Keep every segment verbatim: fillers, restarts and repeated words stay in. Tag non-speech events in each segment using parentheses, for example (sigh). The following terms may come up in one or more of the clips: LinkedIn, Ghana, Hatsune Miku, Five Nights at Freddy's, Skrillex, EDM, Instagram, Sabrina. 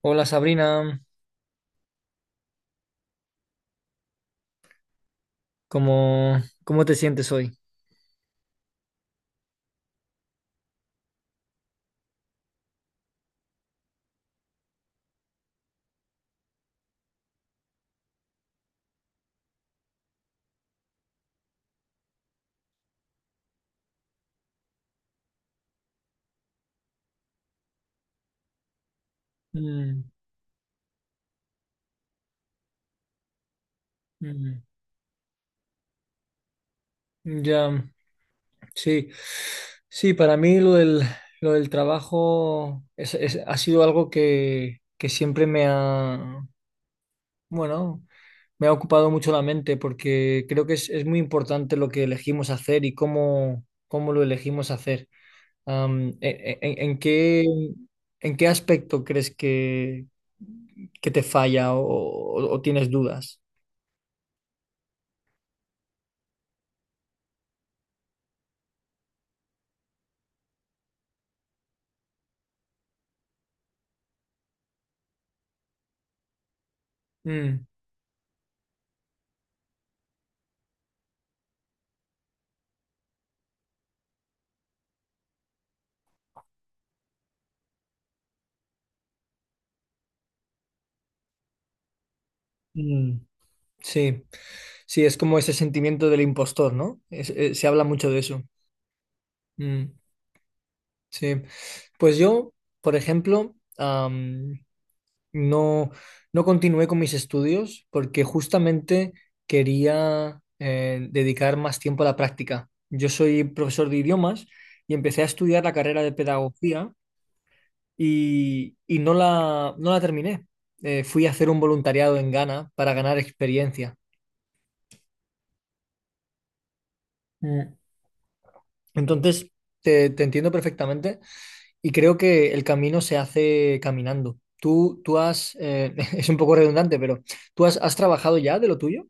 Hola Sabrina, ¿cómo, cómo te sientes hoy? Mm, mm, ya, sí, sí, para mí lo del, lo del trabajo es- es- ha sido algo que, que siempre me ha, bueno, me ha ocupado mucho la mente porque creo que es, es muy importante lo que elegimos hacer y cómo, cómo lo elegimos hacer. Am, e- e- en, en qué, ¿en qué aspecto crees que, que te falla o o- o tienes dudas? Mm, mm, sí, sí, es como ese sentimiento del impostor, ¿no? Es- eh, se habla mucho de eso. Mm, sí. Pues yo, por ejemplo, am, no, no continué con mis estudios porque justamente quería eh, dedicar más tiempo a la práctica. Yo soy profesor de idiomas y empecé a estudiar la carrera de pedagogía y, y no la, no la terminé. Eh, fui a hacer un voluntariado en Ghana para ganar experiencia. Mm. Entonces, te, te entiendo perfectamente y creo que el camino se hace caminando. Tú, tú has, eh, (laughs) es un poco redundante, pero ¿tú has, has trabajado ya de lo tuyo?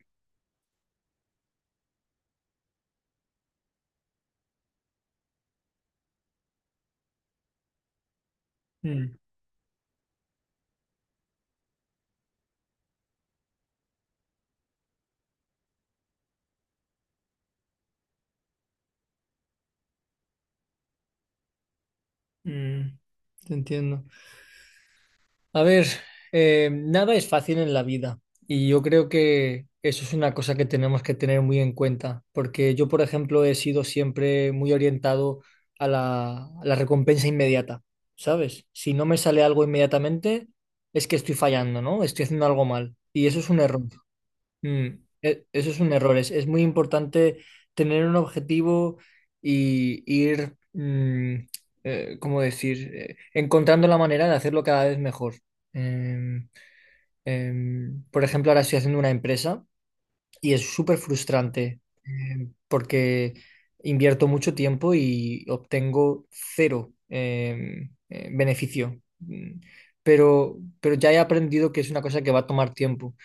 Mm, mm, te entiendo. A ver, eh, nada es fácil en la vida y yo creo que eso es una cosa que tenemos que tener muy en cuenta, porque yo, por ejemplo, he sido siempre muy orientado a la, a la recompensa inmediata, ¿sabes? Si no me sale algo inmediatamente, es que estoy fallando, ¿no? Estoy haciendo algo mal y eso es un error. Mm, e- eso es un error. Es, es muy importante tener un objetivo y ir, mm, eh, ¿cómo decir? Eh, encontrando la manera de hacerlo cada vez mejor. Em, em, por ejemplo, ahora estoy haciendo una empresa y es súper frustrante, em, porque invierto mucho tiempo y obtengo cero, em, eh, beneficio. Mm, Pero, pero ya he aprendido que es una cosa que va a tomar tiempo.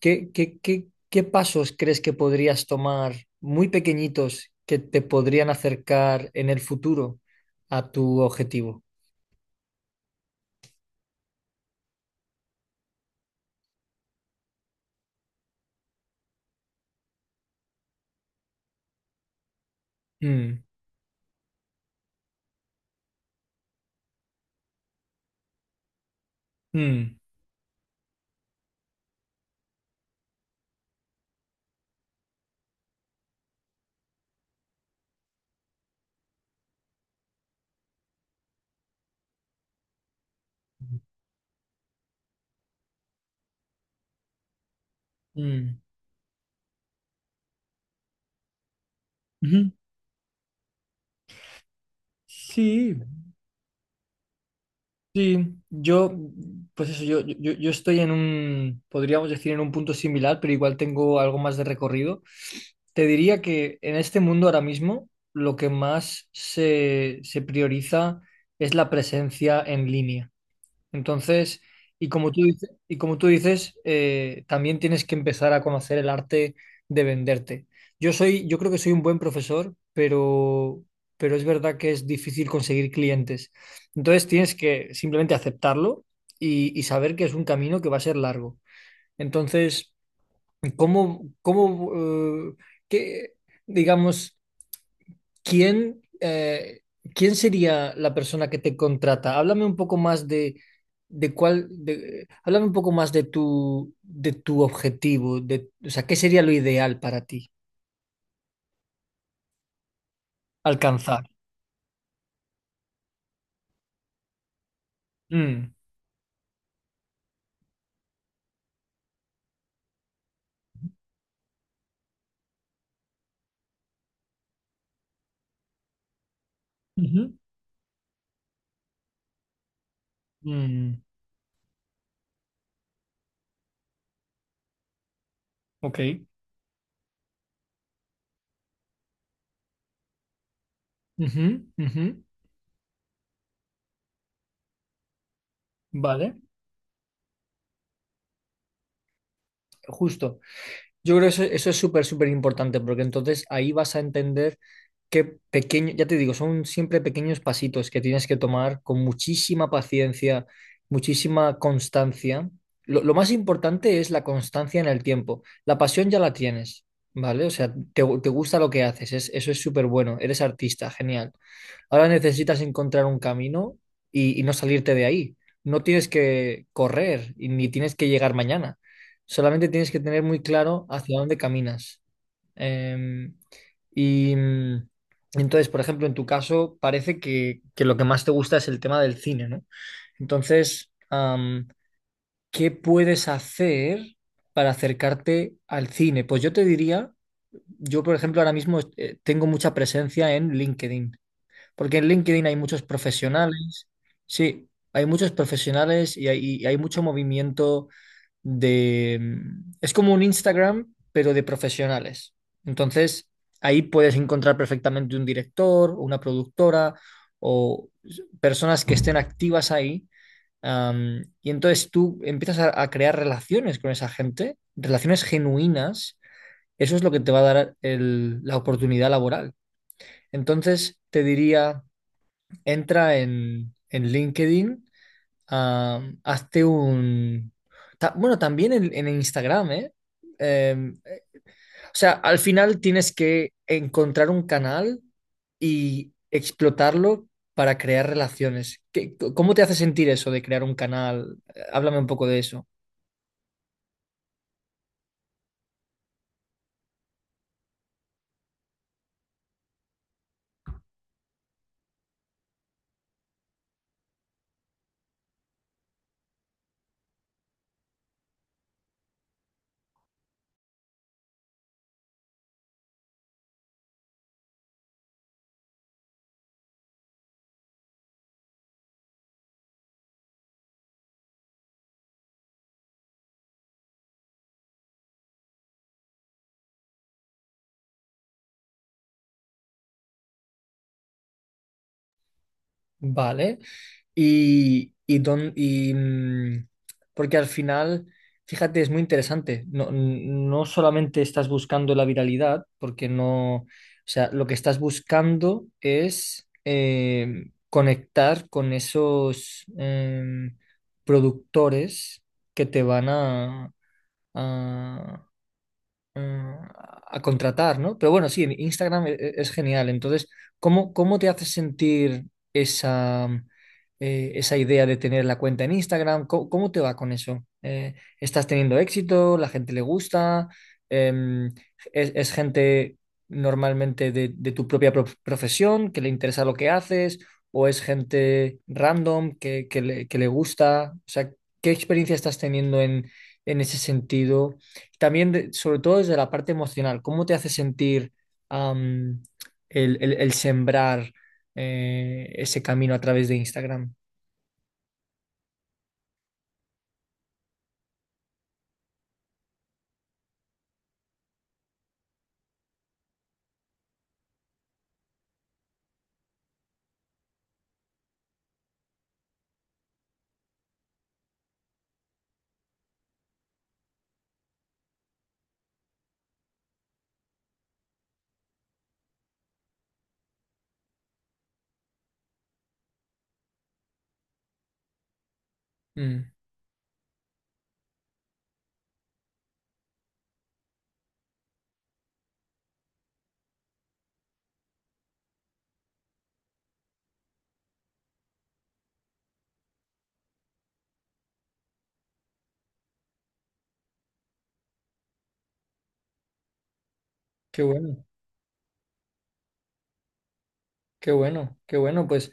¿Qué, qué, qué, qué pasos crees que podrías tomar muy pequeñitos que te podrían acercar en el futuro a tu objetivo? Mm, mm, mm. Ujú. Sí, sí, yo, pues eso, yo, yo, yo estoy en un, podríamos decir, en un punto similar, pero igual tengo algo más de recorrido. Te diría que en este mundo ahora mismo lo que más se, se prioriza es la presencia en línea. Entonces, y como tú dices, y como tú dices, eh, también tienes que empezar a conocer el arte de venderte. Yo soy, yo creo que soy un buen profesor, pero, pero es verdad que es difícil conseguir clientes. Entonces tienes que simplemente aceptarlo y, y saber que es un camino que va a ser largo. Entonces, ¿cómo, cómo, eh, qué, digamos? ¿Quién, eh, quién sería la persona que te contrata? Háblame un poco más de, de cuál, de- háblame un poco más de tu, de tu objetivo, de, o sea, ¿qué sería lo ideal para ti alcanzar? Mm. Ujú. Mm. Ok. Ujú, ujú. Vale, justo. Yo creo que eso, eso es súper, súper importante, porque entonces ahí vas a entender que pequeño, ya te digo, son siempre pequeños pasitos que tienes que tomar con muchísima paciencia, muchísima constancia. Lo, lo más importante es la constancia en el tiempo. La pasión ya la tienes, ¿vale? O sea, te, te gusta lo que haces, es- eso es súper bueno, eres artista, genial. Ahora necesitas encontrar un camino y, y no salirte de ahí. No tienes que correr y ni tienes que llegar mañana. Solamente tienes que tener muy claro hacia dónde caminas. Em, y mm, entonces, por ejemplo, en tu caso, parece que, que lo que más te gusta es el tema del cine, ¿no? Entonces, am, ¿qué puedes hacer para acercarte al cine? Pues yo te diría, yo, por ejemplo, ahora mismo eh, tengo mucha presencia en LinkedIn, porque en LinkedIn hay muchos profesionales, sí, hay muchos profesionales y hay, y hay mucho movimiento de... mm, Es como un Instagram, pero de profesionales. Entonces, ahí puedes encontrar perfectamente un director, una productora o personas que estén activas ahí. Um, y entonces tú empiezas a, a crear relaciones con esa gente, relaciones genuinas. Eso es lo que te va a dar el- la oportunidad laboral. Entonces, te diría, entra en, en LinkedIn. Am, hazte un... ta- bueno, también en, en Instagram, ¿eh? Em, o sea, al final tienes que encontrar un canal y explotarlo para crear relaciones. ¿Qué- cómo te hace sentir eso de crear un canal? Eh, Háblame un poco de eso. Vale. Y, y, don- y, mm, porque al final, fíjate, es muy interesante. No, no solamente estás buscando la viralidad, porque no, o sea, lo que estás buscando es eh, conectar con esos em, productores que te van a, a- a contratar, ¿no? Pero bueno, sí, en Instagram e- e- es genial. Entonces, ¿cómo, cómo te hace sentir esa, eh, esa idea de tener la cuenta en Instagram? ¿Cómo, cómo te va con eso? Eh, ¿estás teniendo éxito? ¿La gente le gusta? Em, ¿es, es gente normalmente de, de tu propia pro- profesión que le interesa lo que haces? ¿O es gente random que, que le, que le gusta? O sea, ¿qué experiencia estás teniendo en, en ese sentido? También, de- sobre todo desde la parte emocional, ¿cómo te hace sentir am, el, el- el sembrar eh, ese camino a través de Instagram? Mm, qué bueno. Qué bueno, qué bueno. Pues,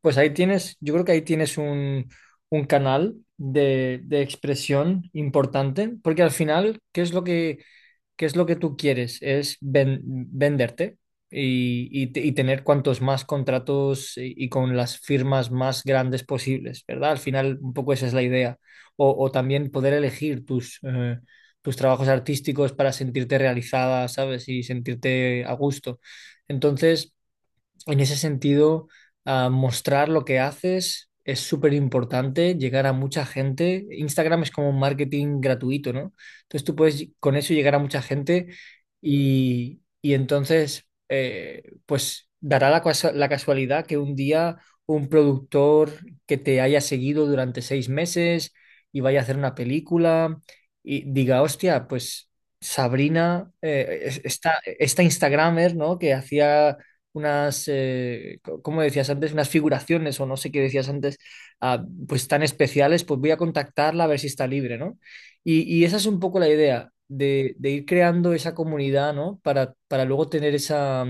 pues ahí tienes, yo creo que ahí tienes un, un canal de, de expresión importante, porque al final, ¿qué es lo que, qué es lo que tú quieres? Es ven- venderte y, y te- y tener cuantos más contratos y, y con las firmas más grandes posibles, ¿verdad? Al final, un poco esa es la idea. O, o también poder elegir tus, eh, tus trabajos artísticos para sentirte realizada, ¿sabes? Y sentirte a gusto. Entonces... En ese sentido, ah, mostrar lo que haces es súper importante, llegar a mucha gente. Instagram es como un marketing gratuito, ¿no? Entonces tú puedes con eso llegar a mucha gente y, y entonces, eh, pues dará la, casa- la casualidad que un día un productor que te haya seguido durante seis meses y vaya a hacer una película y diga, hostia, pues Sabrina, eh, es- esta, esta Instagramer, ¿no? Que hacía unas, eh, co- ¿cómo decías antes? Unas figuraciones o no sé qué decías antes, ah, pues tan especiales, pues voy a contactarla a ver si está libre, ¿no? Y, y esa es un poco la idea de, de ir creando esa comunidad, ¿no? Para, para luego tener esa,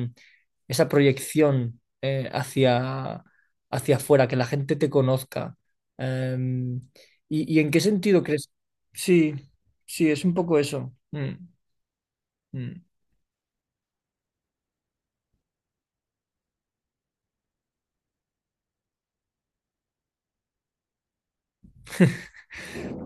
esa proyección eh, hacia, hacia afuera, que la gente te conozca. Em, ¿y, y en qué sentido crees? Sí, sí, es un poco eso. Mm, mm.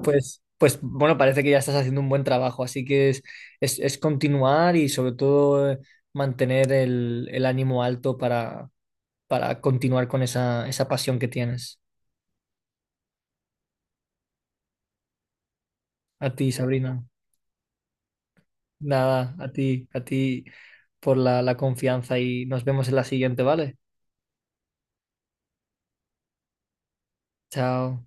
Pues, pues bueno, parece que ya estás haciendo un buen trabajo, así que es, es, es continuar y sobre todo eh, mantener el, el ánimo alto para, para continuar con esa, esa pasión que tienes. A ti, Sabrina. Nada, a ti, a ti por la, la confianza y nos vemos en la siguiente, ¿vale? Chao.